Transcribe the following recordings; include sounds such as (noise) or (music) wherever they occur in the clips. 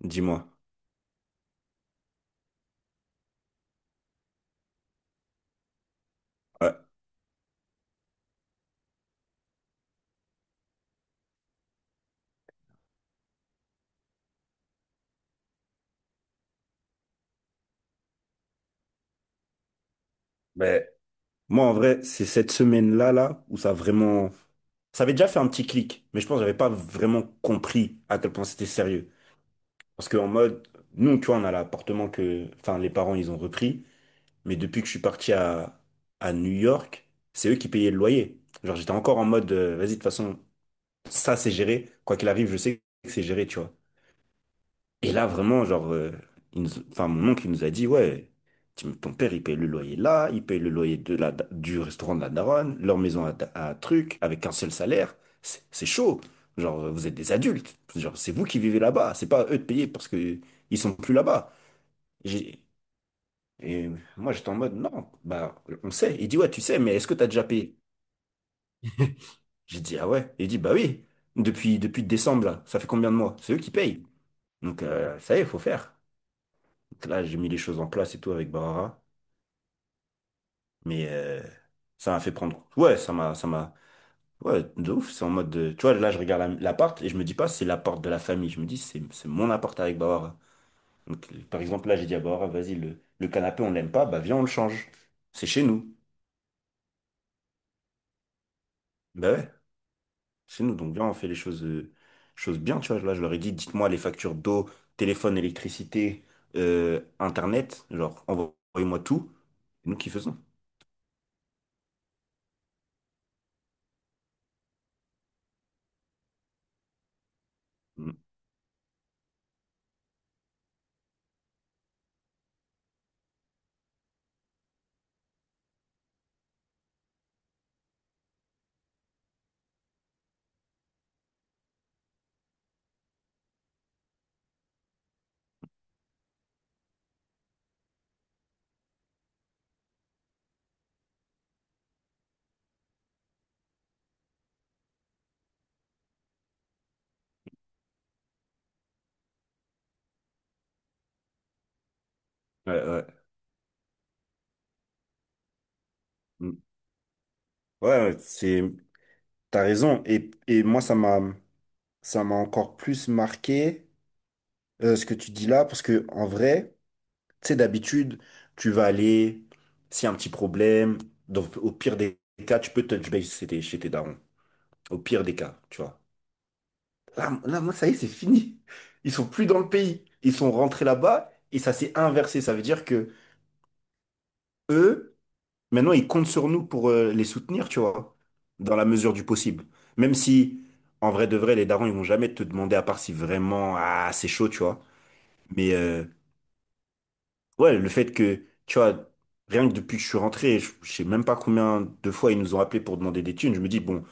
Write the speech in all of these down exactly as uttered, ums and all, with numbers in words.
Dis-moi. Ouais. Ben, moi, en vrai, c'est cette semaine-là, là, où ça a vraiment... Ça avait déjà fait un petit clic, mais je pense que j'avais pas vraiment compris à quel point c'était sérieux. Parce que en mode, nous, tu vois, on a l'appartement que... Enfin, les parents, ils ont repris. Mais depuis que je suis parti à, à New York, c'est eux qui payaient le loyer. Genre, j'étais encore en mode, euh, vas-y, de toute façon, ça, c'est géré. Quoi qu'il arrive, je sais que c'est géré, tu vois. Et là, vraiment, genre, euh, il nous- enfin, mon oncle, il nous a dit, ouais, tu- ton père, il paye le loyer là, il paye le loyer de la, du restaurant de la daronne, leur maison à, à truc, avec un seul salaire. C'est c'est chaud. Genre, vous êtes des adultes. Genre, c'est vous qui vivez là-bas. C'est pas à eux de payer parce que ils sont plus là-bas. J'ai- Et moi, j'étais en mode, non, bah, on sait. Il dit, ouais, tu sais, mais est-ce que t'as déjà payé? J'ai dit, ah ouais. Il dit, bah oui, depuis, depuis décembre, là, ça fait combien de mois? C'est eux qui payent. Donc, euh, ça y est, faut faire. Là, j'ai mis les choses en place et tout avec Barara. Mais euh, ça m'a fait prendre. Ouais, ça m'a, ça m'a. Ouais, de ouf. C'est en mode. de- Tu vois, là, je regarde la- l'appart et je me dis pas, c'est l'appart de la famille. Je me dis, c'est c'est mon appart avec Barara. Donc, par exemple, là, j'ai dit à Barara, vas-y, le, le canapé, on l'aime pas, bah viens, on le change. C'est chez nous. Bah ouais, chez nous. Donc, viens, on fait les choses, euh, choses bien. Tu vois, là, je leur ai dit, dites-moi les factures d'eau, téléphone, électricité, euh, internet. Genre, envoyez-moi tout. Et nous qui faisons. Mm. Ouais, ouais. Mm. Ouais, ouais, c'est, t'as raison. Et, et moi, ça m'a, ça m'a encore plus marqué euh, ce que tu dis là, parce que en vrai, tu sais, d'habitude, tu vas aller, s'il y a un petit problème, donc au pire des cas, tu peux touch base chez tes, chez tes darons. Au pire des cas, tu vois. Là, là, moi, ça y est, c'est fini. Ils sont plus dans le pays. Ils sont rentrés là-bas et ça s'est inversé. Ça veut dire que eux, maintenant, ils comptent sur nous pour euh, les soutenir, tu vois, dans la mesure du possible. Même si, en vrai de vrai, les darons, ils vont jamais te demander, à part si vraiment, ah, c'est chaud, tu vois. Mais euh, ouais, le fait que, tu vois, rien que depuis que je suis rentré, je, je sais même pas combien de fois ils nous ont appelés pour demander des thunes. Je me dis, bon,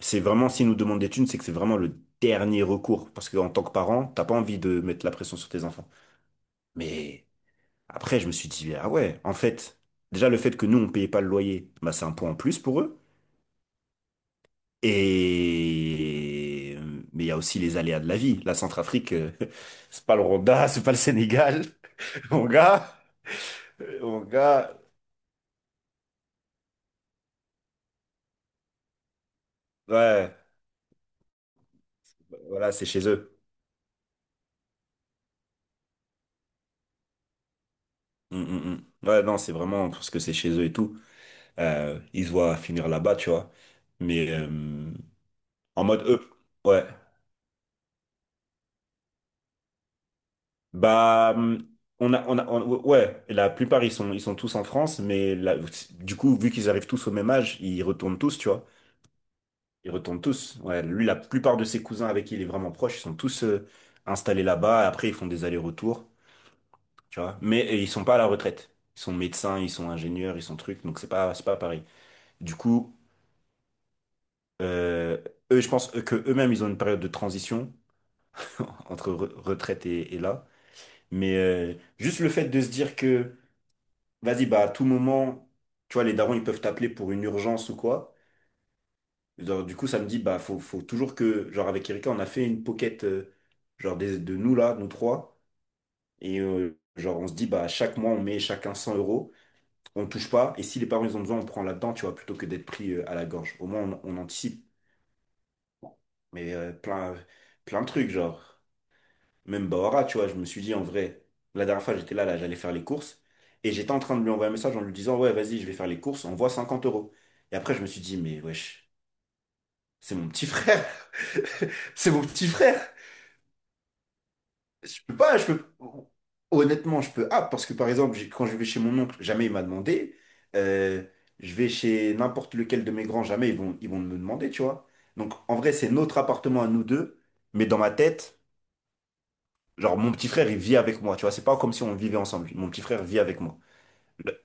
c'est vraiment, s'ils nous demandent des thunes, c'est que c'est vraiment le dernier recours. Parce qu'en tant que parent, t'as pas envie de mettre la pression sur tes enfants. Mais après, je me suis dit, ah ouais, en fait, déjà, le fait que nous, on payait pas le loyer, bah, c'est un point en plus pour eux. Et mais il y a aussi les aléas de la vie. La Centrafrique, euh, (laughs) c'est pas le Rwanda, (laughs) c'est pas le Sénégal. (laughs) Mon gars, euh, mon gars, ouais, voilà, c'est chez eux. Mm, mm, mm. Ouais, non, c'est vraiment parce que c'est chez eux et tout. Euh, ils se voient finir là-bas, tu vois. Mais euh, en mode eux, ouais. Bah, hum, on a, on a, on- ouais. La plupart ils sont, ils sont tous en France, mais la- du coup, vu qu'ils arrivent tous au même âge, ils retournent tous, tu vois. Ils retournent tous. Ouais, lui, la plupart de ses cousins avec qui il est vraiment proche, ils sont tous euh, installés là-bas. Après, ils font des allers-retours, tu vois. Mais euh, ils sont pas à la retraite. Ils sont médecins, ils sont ingénieurs, ils sont trucs. Donc c'est pas, c'est pas pareil. Du coup, euh, eux, je pense que eux-mêmes, ils ont une période de transition (laughs) entre re- retraite et, et là. Mais euh, juste le fait de se dire que, vas-y, bah à tout moment, tu vois, les darons, ils peuvent t'appeler pour une urgence ou quoi. Genre, du coup, ça me dit, bah, faut, faut toujours que, genre, avec Erika, on a fait une pocket, euh, genre, des- de nous là, nous trois. Et, euh, genre, on se dit, bah, chaque mois, on met chacun cent euros, on touche pas. Et si les parents, ils ont besoin, on prend là-dedans, tu vois, plutôt que d'être pris, euh, à la gorge. Au moins, on, on anticipe. Mais, euh, plein, plein de trucs, genre. Même Bahora, tu vois, je me suis dit, en vrai, la dernière fois, j'étais là, là, j'allais faire les courses. Et j'étais en train de lui envoyer un message en lui disant, ouais, vas-y, je vais faire les courses, on voit cinquante euros. Et après, je me suis dit, mais wesh, c'est mon petit frère. (laughs) C'est mon petit frère. Je peux pas, je peux... Honnêtement, je peux. Ah, parce que par exemple, j'ai- quand je vais chez mon oncle, jamais il m'a demandé. Euh, je vais chez n'importe lequel de mes grands, jamais ils vont, ils vont me demander, tu vois. Donc en vrai, c'est notre appartement à nous deux, mais dans ma tête, genre mon petit frère, il vit avec moi, tu vois. C'est pas comme si on vivait ensemble. Mon petit frère vit avec moi. Le-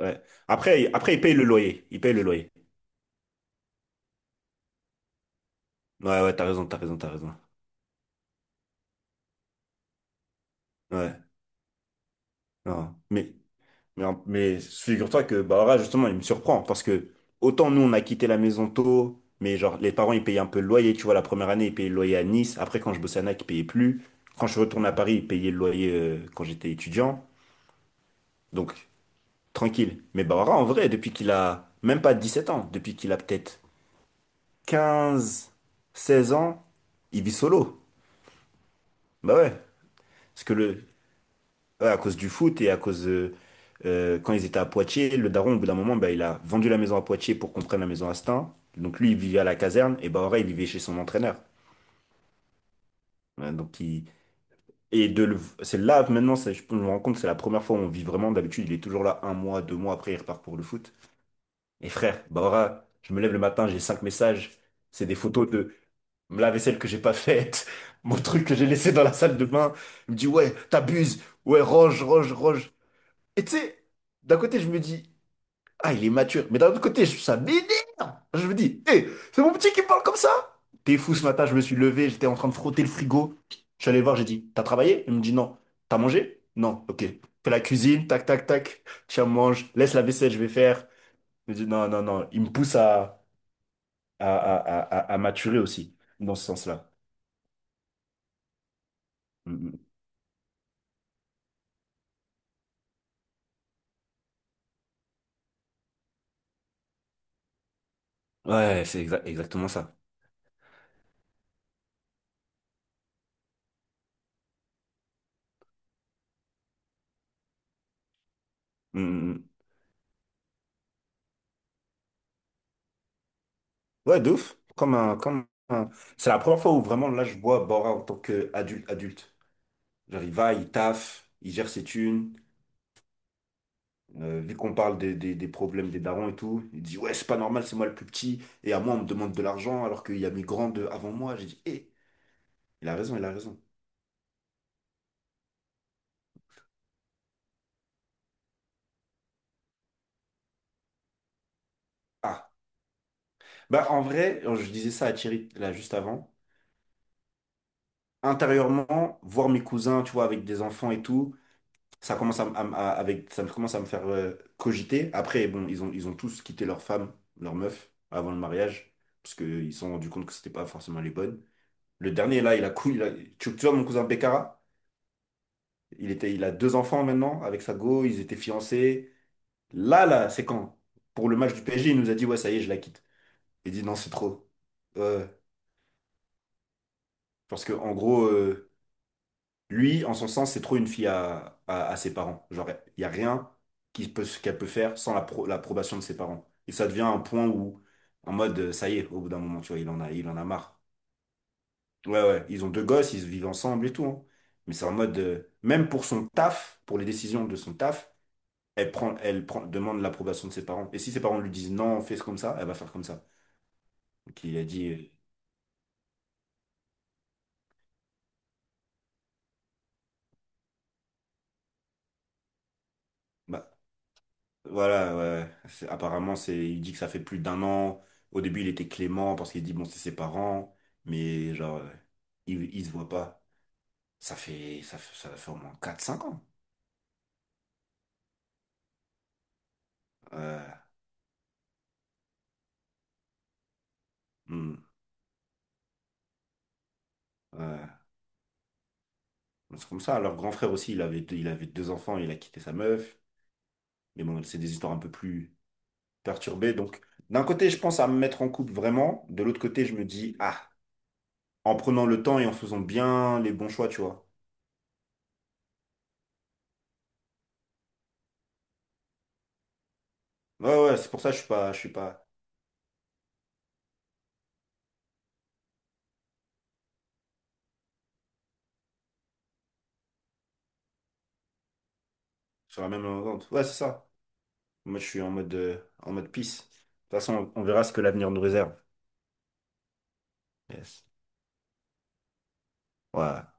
ouais. Après, il- après, il paye le loyer. Il paye le loyer. Ouais, ouais, t'as raison, t'as raison, t'as raison. Ouais, non. Mais Mais, en- mais figure-toi que Bahora, justement, il me surprend. Parce que autant nous, on a quitté la maison tôt, mais genre, les parents, ils payaient un peu le loyer. Tu vois, la première année, ils payaient le loyer à Nice. Après, quand je bossais à N A C, ils payaient plus. Quand je suis retourné à Paris, ils payaient le loyer euh, quand j'étais étudiant. Donc, tranquille. Mais Bahora, en vrai, depuis qu'il a même pas dix sept ans, depuis qu'il a peut-être quinze seize ans, il vit solo. Bah ouais. Parce que le, ouais, à cause du foot et à cause euh, euh, quand ils étaient à Poitiers, le daron, au bout d'un moment, bah, il a vendu la maison à Poitiers pour qu'on prenne la maison à Stains. Donc lui, il vivait à la caserne et Bahoré, il vivait chez son entraîneur. Ouais, donc il... Et de le... c'est là maintenant, c'est- je me rends compte, c'est la première fois où on vit vraiment. D'habitude, il est toujours là un mois, deux mois après, il repart pour le foot. Et frère, Bahora, je me lève le matin, j'ai cinq messages. C'est des photos de la vaisselle que j'ai pas faite, (laughs) mon truc que j'ai laissé dans la salle de bain. Il me dit ouais, t'abuses, ouais, range, range, range. Et tu sais, d'un côté, je me dis, ah, il est mature. Mais d'un autre côté, je- ça m'énerve. Je me dis, hé, c'est mon petit qui me parle comme ça. T'es fou ce matin, je me suis levé, j'étais en train de frotter le frigo. Je suis allé le voir, j'ai dit, t'as travaillé? Il me dit non. T'as mangé? Non, ok. Fais la cuisine, tac, tac, tac. Tiens, mange, laisse la vaisselle, je vais faire. Il me dit non, non, non. Il me pousse à, à, à, à, à à maturer aussi, dans ce sens-là. Mm, mm. Ouais, c'est exa- exactement ça. Mm, mm, mm. Ouais, de ouf. Comme un, comme un- C'est la première fois où vraiment, là, je vois Bora en tant qu'adulte, adulte. adulte. Genre, il va, il taffe, il gère ses thunes. Euh, vu qu'on parle des, des, des problèmes des darons et tout, il dit, ouais, c'est pas normal, c'est moi le plus petit. Et à moi, on me demande de l'argent alors qu'il y a mes grands de- avant moi. J'ai dit, hé, il a raison, il a raison. Ah, bah en vrai, euh, je disais ça à Thierry là juste avant. Intérieurement, voir mes cousins, tu vois, avec des enfants et tout, ça commence à, m- à m- à- avec, ça me commence à me faire euh, cogiter. Après, bon, ils ont, ils ont tous quitté leur femme, leur meuf, avant le mariage, parce qu'ils se sont rendus compte que c'était pas forcément les bonnes. Le dernier, là, il a cool. il a- Tu, tu vois mon cousin Bekara? Il était, il a deux enfants maintenant avec sa go, ils étaient fiancés. Là, là, c'est quand? Pour le match du P S G, il nous a dit, ouais, ça y est, je la quitte. Il dit, non, c'est trop. Euh, parce que, en gros, euh, lui, en son sens, c'est trop une fille à, à, à ses parents. Genre, il n'y a rien qui peut, qu'elle peut faire sans la pro- l'approbation de ses parents. Et ça devient un point où, en mode, euh, ça y est, au bout d'un moment, tu vois, il en a, il en a marre. Ouais, ouais, ils ont deux gosses, ils vivent ensemble et tout. Hein. Mais c'est en mode, euh, même pour son taf, pour les décisions de son taf, elle prend, elle prend, demande l'approbation de ses parents. Et si ses parents lui disent non, fais ce comme ça, elle va faire comme ça. Donc il a dit, euh, bah voilà, ouais. Ouais. C'est- apparemment, c'est, il dit que ça fait plus d'un an. Au début, il était clément parce qu'il dit bon, c'est ses parents, mais genre, euh, il, il se voit pas. Ça fait, ça fait, ça fait au moins quatre cinq ans. Ouais. Hmm. Ouais. C'est comme ça. Leur grand frère aussi, il avait deux, il avait deux enfants, il a quitté sa meuf. Mais bon, c'est des histoires un peu plus perturbées. Donc, d'un côté, je pense à me mettre en couple vraiment. De l'autre côté, je me dis, ah, en prenant le temps et en faisant bien les bons choix, tu vois. Ouais, ouais, c'est pour ça que je suis pas, je suis pas sur la même longueur d'onde. Ouais, c'est ça. Moi, je suis en mode, euh, en mode peace. De toute façon, on verra ce que l'avenir nous réserve. Yes. Ouais.